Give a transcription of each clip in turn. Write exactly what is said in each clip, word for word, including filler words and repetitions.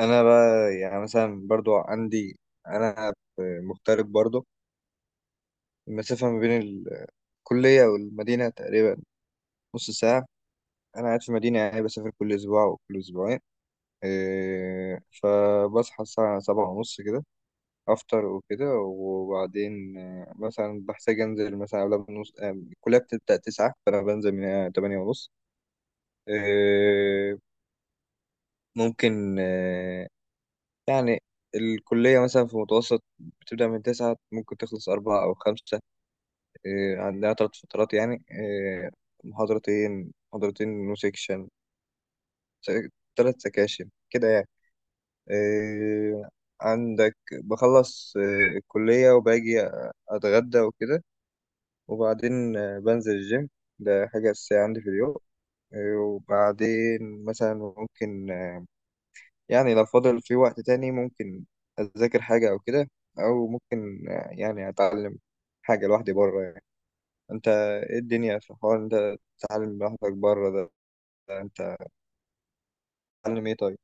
انا بقى يعني مثلا برضو عندي انا مغترب برضو. المسافه ما بين الكليه والمدينه تقريبا نص ساعه. انا قاعد في مدينه يعني بسافر كل اسبوع وكل اسبوعين. إيه، فبصحى الساعه سبعة ونص كده، افطر وكده، وبعدين آه، مثلا بحتاج انزل مثلا قبل بنص آه، الكليه بتبدا تسعة، فانا بنزل من تمانية ونص. إيه، ممكن آه، يعني الكلية مثلا في متوسط بتبدأ من تسعة، ممكن تخلص أربعة أو خمسة. إيه، عندنا تلات فترات يعني، إيه، محاضرتين محاضرتين نو سيكشن، تلات سكاشن كده يعني. إيه، عندك بخلص إيه، الكلية وباجي أتغدى وكده، وبعدين آه، بنزل الجيم. ده حاجة أساسية عندي في اليوم. إيه، وبعدين مثلا ممكن يعني لو فاضل في وقت تاني ممكن أذاكر حاجة أو كده، أو ممكن آه، يعني أتعلم حاجة لوحدي بره يعني. أنت إيه الدنيا في حوار أنت تتعلم لوحدك بره ده ده أنت تتعلم إيه طيب؟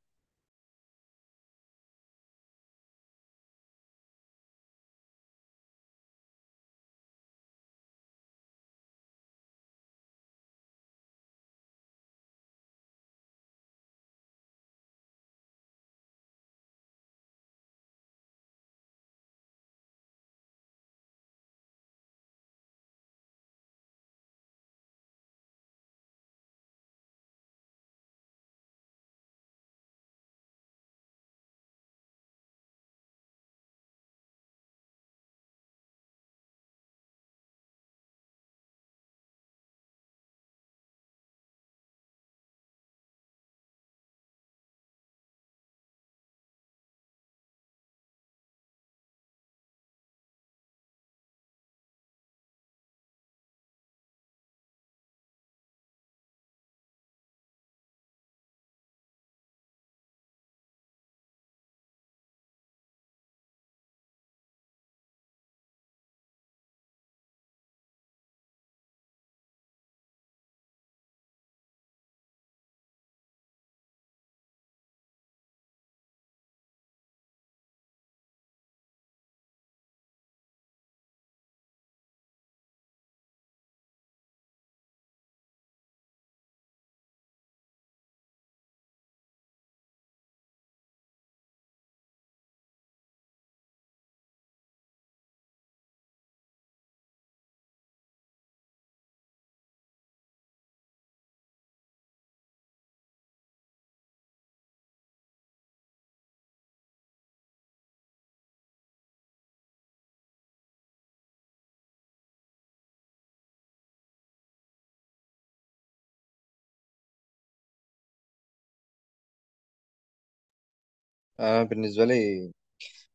أنا بالنسبة لي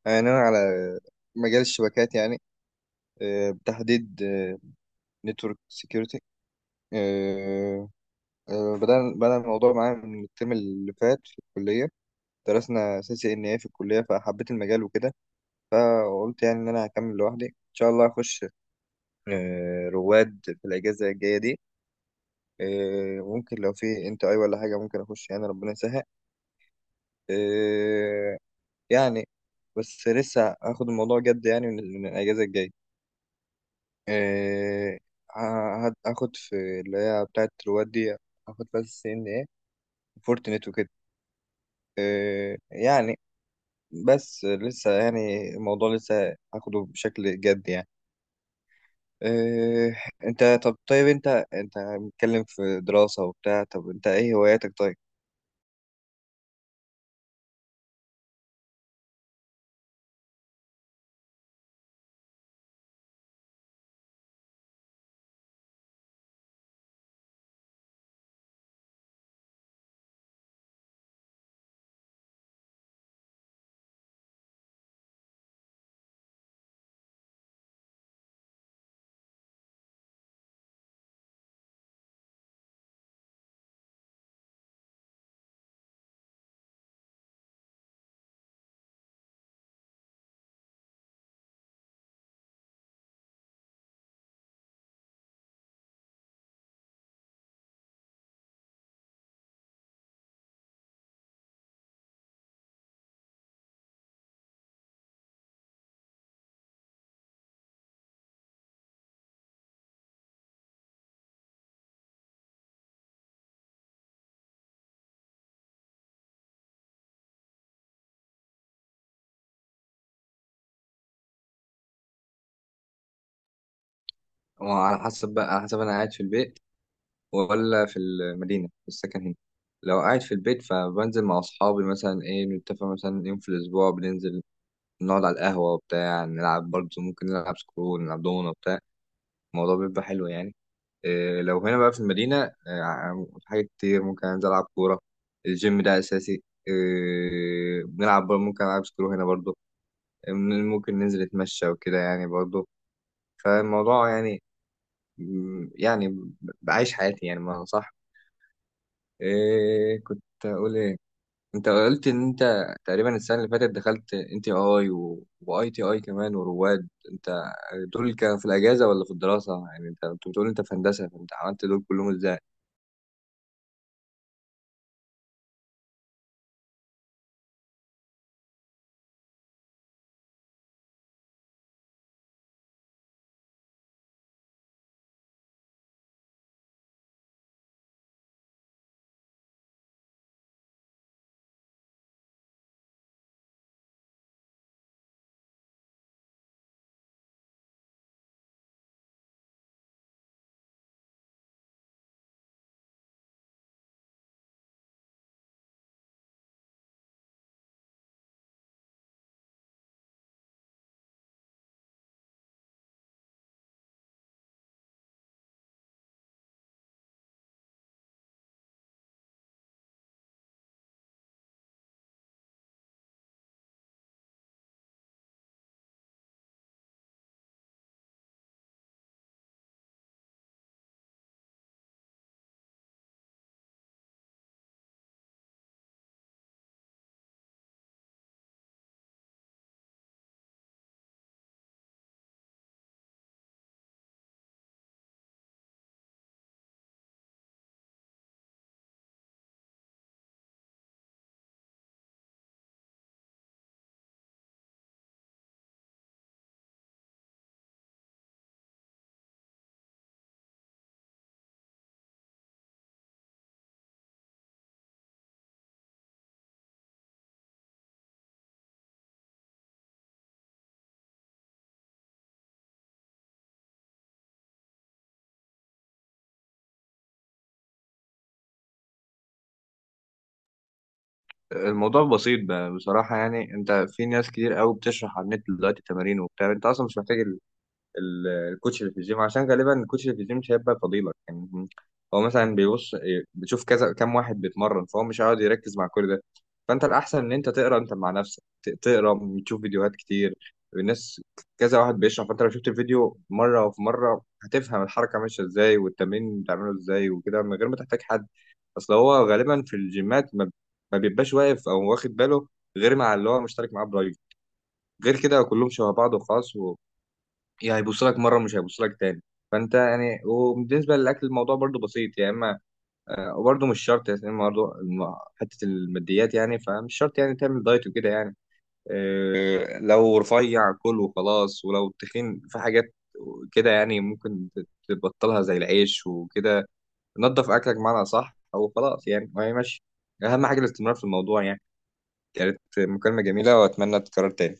يعني أنا على مجال الشبكات يعني، آه، بتحديد نتورك سيكيورتي. بدأنا بدأ الموضوع معايا من الترم اللي فات في الكلية. درسنا سي سي إن إيه في الكلية فحبيت المجال وكده، فقلت يعني إن أنا هكمل لوحدي إن شاء الله أخش آه، رواد في الأجازة الجاية دي. آه، ممكن لو في انت اي ولا حاجة ممكن اخش يعني ربنا يسهل. آه، يعني بس لسه هاخد الموضوع جد يعني من من الأجازة الجاية. آه، ه- هاخد في اللي هي بتاعة رواد دي، هاخد بس سي ان ايه، فورتنت وكده. آه، يعني بس لسه يعني الموضوع لسه هاخده بشكل جد يعني. آه، انت طب طيب، انت انت متكلم في دراسة وبتاع، طب انت ايه هواياتك طيب؟ وعلى حسب بقى، على حسب انا قاعد في البيت ولا في المدينه في السكن هنا. لو قاعد في البيت فبنزل مع اصحابي مثلا، ايه نتفق مثلا يوم في الاسبوع بننزل نقعد على القهوه وبتاع، نلعب برضه، ممكن نلعب سكرول، نلعب دومنه وبتاع. الموضوع بيبقى حلو يعني. إيه لو هنا بقى في المدينه إيه، ع- حاجات كتير ممكن انزل العب كوره. الجيم ده اساسي. إيه بنلعب برضه، ممكن العب سكرول هنا برضه. إيه، ممكن ننزل نتمشى وكده يعني برضه. فالموضوع يعني م- يعني بعيش حياتي يعني، ما صح؟ إيه كنت اقول ايه، انت قلت ان انت تقريبا السنه اللي فاتت دخلت ان تي اي واي تي اي كمان ورواد. انت دول كان في الاجازه ولا في الدراسه يعني؟ انت كنت بتقول انت في هندسه، فانت عملت دول كلهم ازاي؟ الموضوع بسيط ب- بصراحه يعني، انت في ناس كتير قوي بتشرح على النت دلوقتي تمارين وبتاع، انت اصلا مش محتاج ال- الكوتش اللي في الجيم، عشان غالبا الكوتش اللي في الجيم مش هيبقى فضيلك يعني. هو مثلا بيبص بتشوف كذا، كام واحد بيتمرن فهو مش هيقعد يركز مع كل ده. فانت الاحسن ان انت تقرا انت مع نفسك، ت- تقرا، تشوف فيديوهات كتير، الناس كذا واحد بيشرح، فانت لو شفت الفيديو مره وفي مره هتفهم الحركه ماشيه ازاي والتمرين بتعمله ازاي وكده من غير ما تحتاج حد. اصل هو غالبا في الجيمات ما ما بيبقاش واقف او واخد باله غير مع اللي هو مشترك معاه برايفت، غير كده كلهم شبه بعض وخلاص يعني، هيبص لك مره مش هيبص لك تاني. فانت يعني، وبالنسبه للاكل الموضوع برضو بسيط يا اما آه، وبرضو مش شرط يعني، برضو الم- حته الماديات يعني، فمش شرط يعني تعمل دايت وكده يعني. آه، لو رفيع كل وخلاص، ولو تخين في حاجات كده يعني ممكن ت- تبطلها زي العيش وكده. نظف اكلك معنا صح او خلاص يعني وهي ماشي. اهم حاجه الاستمرار في الموضوع يعني. كانت مكالمه جميله واتمنى تتكرر تاني.